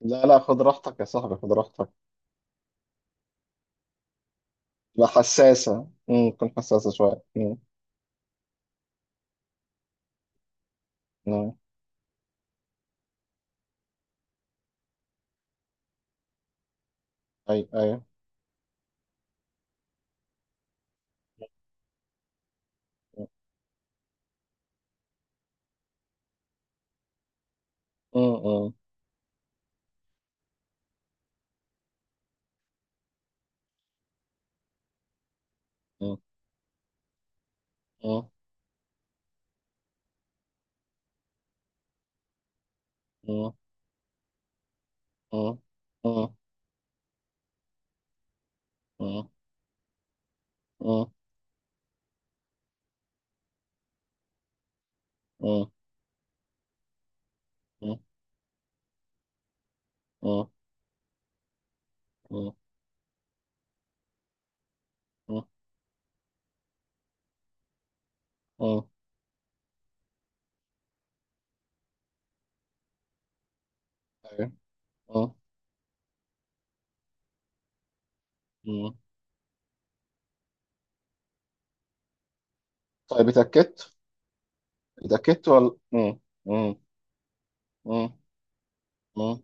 لا، لا، خد راحتك يا صاحبي، خد راحتك. لا، حساسة، تكون حساسة شوية امم. اي، اي. امم. امم. امم. امم. امم. امم. امم. امم. امم. امم. امم. امم. اي. امم. امم. طيب، اتأكدت؟ اتأكدت ولا؟ امم. امم. امم. امم.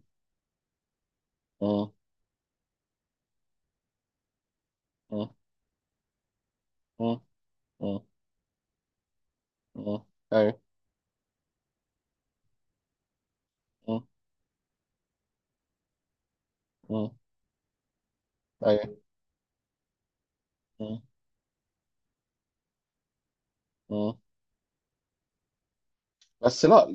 امم. امم. امم. امم. اي. امم. امم. اي. امم. بس. لا،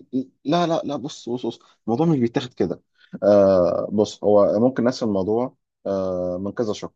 لا، لا، لا، بص، بص، بص، الموضوع مش بيتاخد كده. بص، هو ممكن نقسم الموضوع من كذا شق.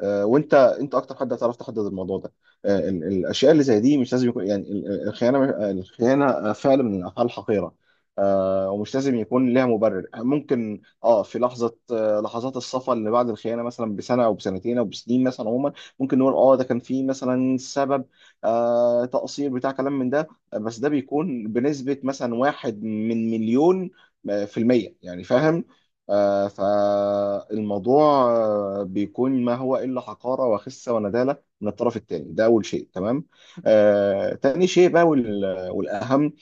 وانت اكتر حد هتعرف تحدد الموضوع ده. الاشياء اللي زي دي مش لازم يكون، يعني الخيانه، فعل من الافعال الحقيره. ومش لازم يكون لها مبرر، ممكن في لحظه، لحظات الصفا اللي بعد الخيانه مثلا بسنه او بسنتين او بسنين، مثلا عموما. ممكن نقول ده كان في مثلا سبب، تقصير بتاع كلام من ده. بس ده بيكون بنسبه مثلا واحد من مليون، في المية يعني، فاهم. فالموضوع بيكون ما هو إلا حقارة وخسة وندالة من الطرف الثاني، ده أول شيء، تمام. تاني شيء بقى، والأهم،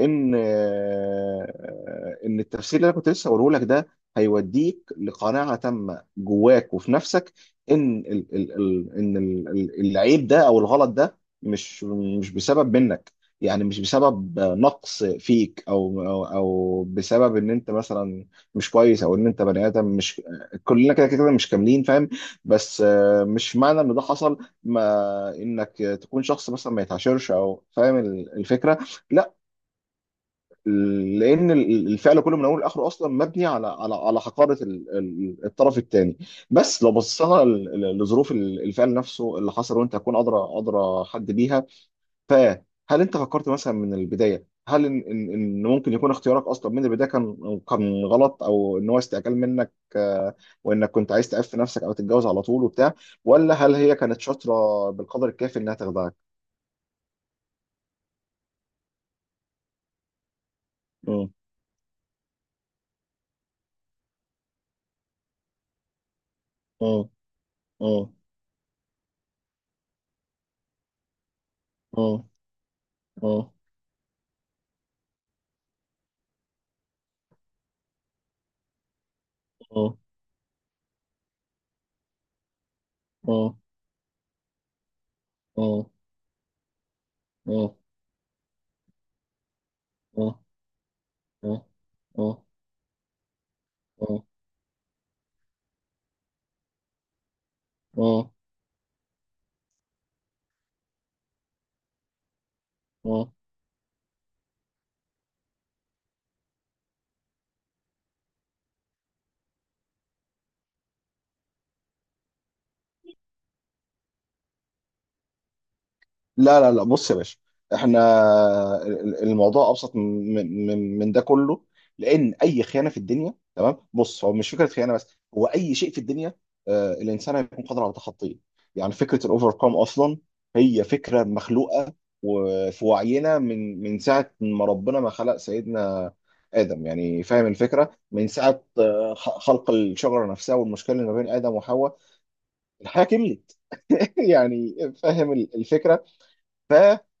ان التفسير اللي انا كنت لسه هقوله لك ده هيوديك لقناعه تامه جواك وفي نفسك. ان ال ال ال ان ال ال العيب ده او الغلط ده، مش بسبب منك، يعني مش بسبب نقص فيك او بسبب ان انت مثلا مش كويس، او ان انت بني ادم مش، كلنا كده مش كاملين، فاهم. بس مش معنى ان ده حصل ما انك تكون شخص مثلا ما يتعاشرش، او فاهم الفكره، لا. لان الفعل كله من اول لاخره اصلا مبني على حقاره الطرف الثاني. بس لو بصينا لظروف الفعل نفسه اللي حصل، وانت هتكون ادرى، حد بيها. فهل انت فكرت مثلا من البدايه، هل ان ان إن ممكن يكون اختيارك اصلا من البدايه كان غلط، او ان هو استعجال منك، وانك كنت عايز تعف نفسك او تتجوز على طول وبتاع، ولا هل هي كانت شاطره بالقدر الكافي انها تخدعك؟ مم. مم. مم. مم. مم. مم. مم. اه. اه. اه. اه. اه. اه. اه. لا، لا، لا، بص يا باشا، احنا الموضوع ابسط من ده كله. لان اي خيانه في الدنيا، تمام، بص، هو مش فكره خيانه بس، هو اي شيء في الدنيا، الانسان هيكون قادر على تخطيه. يعني فكره الاوفر كام اصلا هي فكره مخلوقه وفي وعينا، من ساعه ما ربنا ما خلق سيدنا ادم، يعني فاهم الفكره. من ساعه خلق الشجره نفسها، والمشكله اللي ما بين ادم وحواء، الحياة كملت يعني، فاهم الفكرة. ف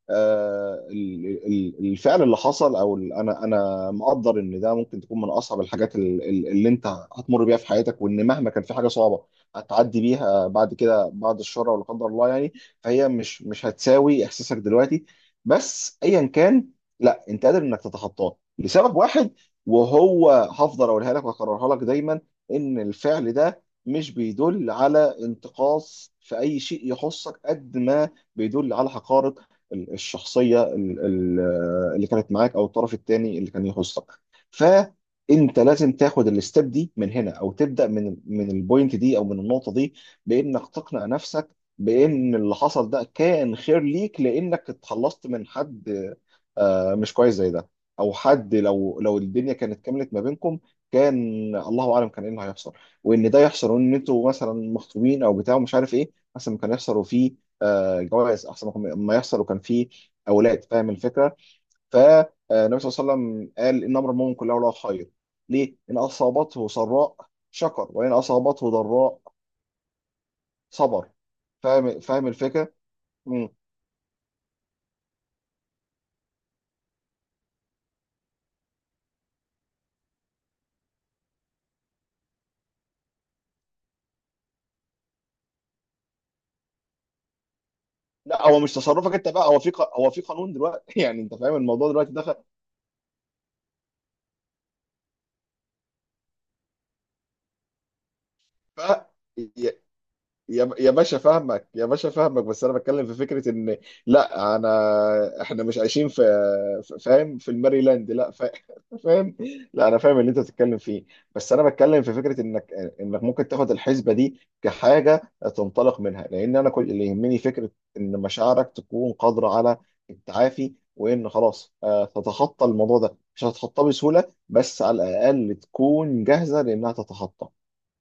آه، ال- ال- الفعل اللي حصل، او انا، مقدر ان ده ممكن تكون من اصعب الحاجات اللي انت هتمر بيها في حياتك، وان مهما كان في حاجه صعبه هتعدي بيها بعد كده، بعد الشر، ولا قدر الله يعني، فهي مش هتساوي احساسك دلوقتي. بس ايا كان، لا، انت قادر انك تتخطاه لسبب واحد، وهو هفضل اقولها لك واكررها لك دايما. ان الفعل ده مش بيدل على انتقاص في اي شيء يخصك، قد ما بيدل على حقارة الشخصيه اللي كانت معاك، او الطرف الثاني اللي كان يخصك. فانت لازم تاخد الستيب دي من هنا، او تبدا من البوينت دي، او من النقطه دي، بانك تقنع نفسك بان اللي حصل ده كان خير ليك، لانك اتخلصت من حد مش كويس زي ده، او حد لو الدنيا كانت كملت ما بينكم، كان الله اعلم كان ايه اللي هيحصل. وان ده يحصل وان انتوا مثلا مخطوبين او بتاع ومش عارف ايه، مثلا كان يحصل وفي جوائز، احسن ما يحصل وكان فيه اولاد، فاهم الفكره. فالنبي صلى الله عليه وسلم قال ان امر المؤمن كله له خير، ليه؟ ان اصابته سراء شكر، وان اصابته ضراء صبر. فاهم، فاهم الفكره. مم. لا، هو مش تصرفك انت بقى، هو هو في قانون دلوقتي يعني، انت فاهم، الموضوع دلوقتي دخل ف يا باشا فاهمك، يا باشا فاهمك، بس انا بتكلم في فكره ان، لا انا احنا مش عايشين في فاهم، في الماريلاند، لا فا- فاهم. لا انا فاهم اللي انت بتتكلم فيه، بس انا بتكلم في فكره انك ممكن تاخد الحسبه دي كحاجه تنطلق منها، لان انا كل اللي يهمني فكره ان مشاعرك تكون قادره على التعافي، وان خلاص تتخطى الموضوع ده. مش هتتخطاه بسهوله، بس على الاقل تكون جاهزه لانها تتخطى،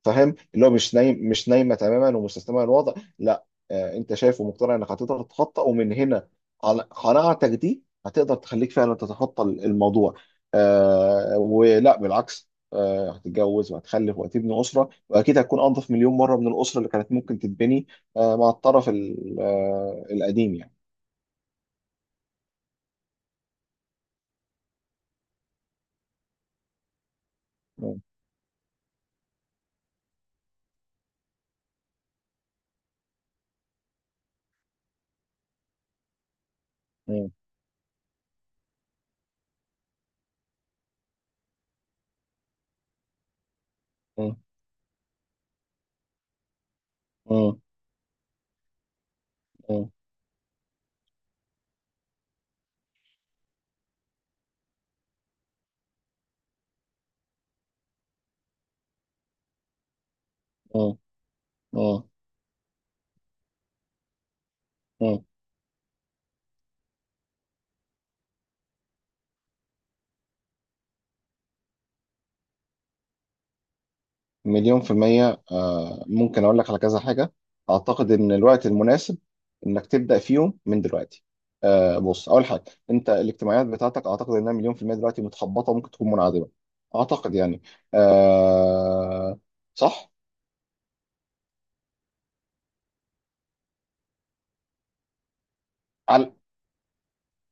فاهم، اللي هو مش نايم، مش نايمه تماما ومستسلمه للوضع، لا. آه، انت شايف ومقتنع انك هتقدر تتخطى، ومن هنا قناعتك دي هتقدر تخليك فعلا تتخطى الموضوع. آه، ولا بالعكس، آه، هتتجوز وهتخلف وهتبني اسره، واكيد هتكون انظف مليون مره من الاسره اللي كانت ممكن تتبني آه مع الطرف القديم يعني. م- م- م- م- م- م- م- مليون في المية، ممكن أقول لك على كذا حاجة. أعتقد إن الوقت المناسب إنك تبدأ فيهم من دلوقتي. بص، أول حاجة، أنت الاجتماعيات بتاعتك أعتقد إنها مليون في المية دلوقتي متخبطة، ممكن تكون منعدمة. أعتقد يعني، آه، صح؟ على،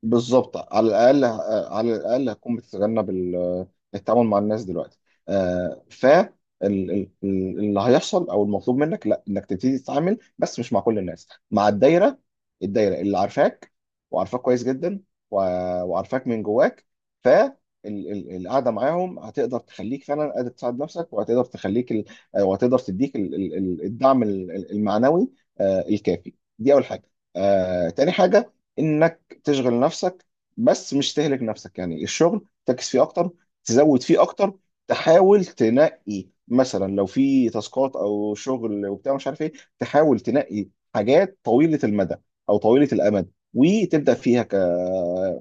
بالظبط، على الاقل، على الاقل هتكون بتتجنب التعامل مع الناس دلوقتي. آه، ف ال- ال- ال- اللي هيحصل او المطلوب منك، لا انك تبتدي تتعامل، بس مش مع كل الناس، مع الدايره، الدايره اللي عارفاك، وعارفاك كويس جدا، و- وعارفاك من جواك. ف ال- القعده معاهم هتقدر تخليك فعلا قادر تساعد نفسك، وهتقدر تخليك وهتقدر تديك الدعم المعنوي الكافي. دي اول حاجه. تاني حاجه، انك تشغل نفسك، بس مش تهلك نفسك، يعني الشغل تركز فيه اكتر، تزود فيه اكتر. تحاول تنقي مثلا لو في تاسكات او شغل وبتاع مش عارف ايه، تحاول تنقي حاجات طويلة المدى او طويلة الامد، وتبدا فيها ك...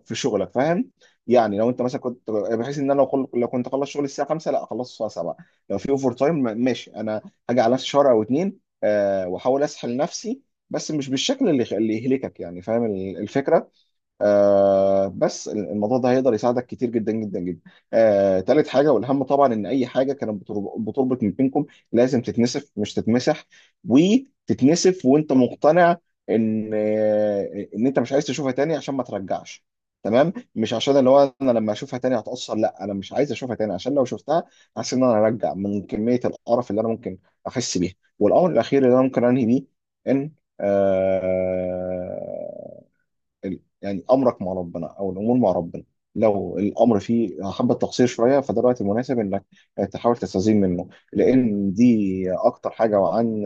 في شغلك، فاهم. يعني لو انت مثلا كنت بحيث ان انا، لو لو كنت اخلص شغل الساعه 5، لا اخلصه الساعه 7. لو في اوفر تايم، ماشي، انا هاجي على نفسي شهر او اتنين، واحاول اسحل نفسي، بس مش بالشكل اللي يهلكك، يعني فاهم الفكره. آه، بس الموضوع ده هيقدر يساعدك كتير جدا جدا جدا. آه، تالت حاجه، والاهم طبعا، ان اي حاجه كانت بتربط من بينكم، لازم تتنسف مش تتمسح، وتتنسف وانت مقتنع ان ان انت مش عايز تشوفها تاني عشان ما ترجعش. تمام، مش عشان اللي هو انا لما اشوفها تاني هتأثر، لا، انا مش عايز اشوفها تاني عشان لو شفتها حاسس ان انا هرجع، من كميه القرف اللي انا ممكن احس بيها. والامر الاخير اللي انا ممكن انهي بيه، ان آه يعني امرك مع ربنا، او الامور مع ربنا، لو الامر فيه حبه تقصير شويه، فده الوقت المناسب انك تحاول تستزيد منه، لان دي اكتر حاجه،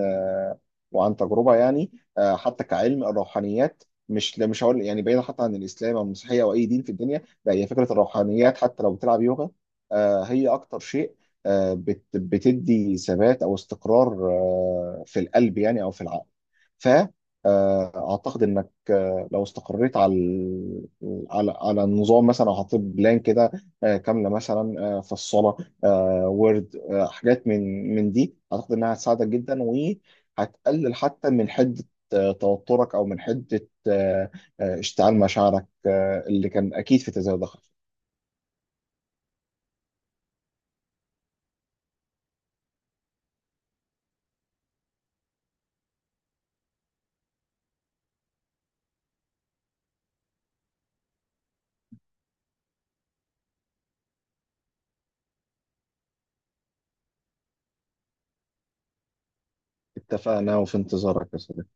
وعن تجربه يعني. حتى كعلم الروحانيات، مش لا مش هقول يعني، بعيدا حتى عن الاسلام او المسيحيه او اي دين في الدنيا، لا، هي فكره الروحانيات حتى لو بتلعب يوغا، هي اكتر شيء بتدي ثبات او استقرار في القلب، يعني او في العقل. ف آه، اعتقد انك لو استقريت على على النظام مثلا، او حطيت بلان كده كامله، مثلا في الصلاه، وورد، حاجات من دي، اعتقد انها هتساعدك جدا، وهتقلل حتى من حده توترك، او من حده اشتعال مشاعرك اللي كان اكيد في تزايد ضغط. اتفقنا، وفي انتظارك يا صديقي.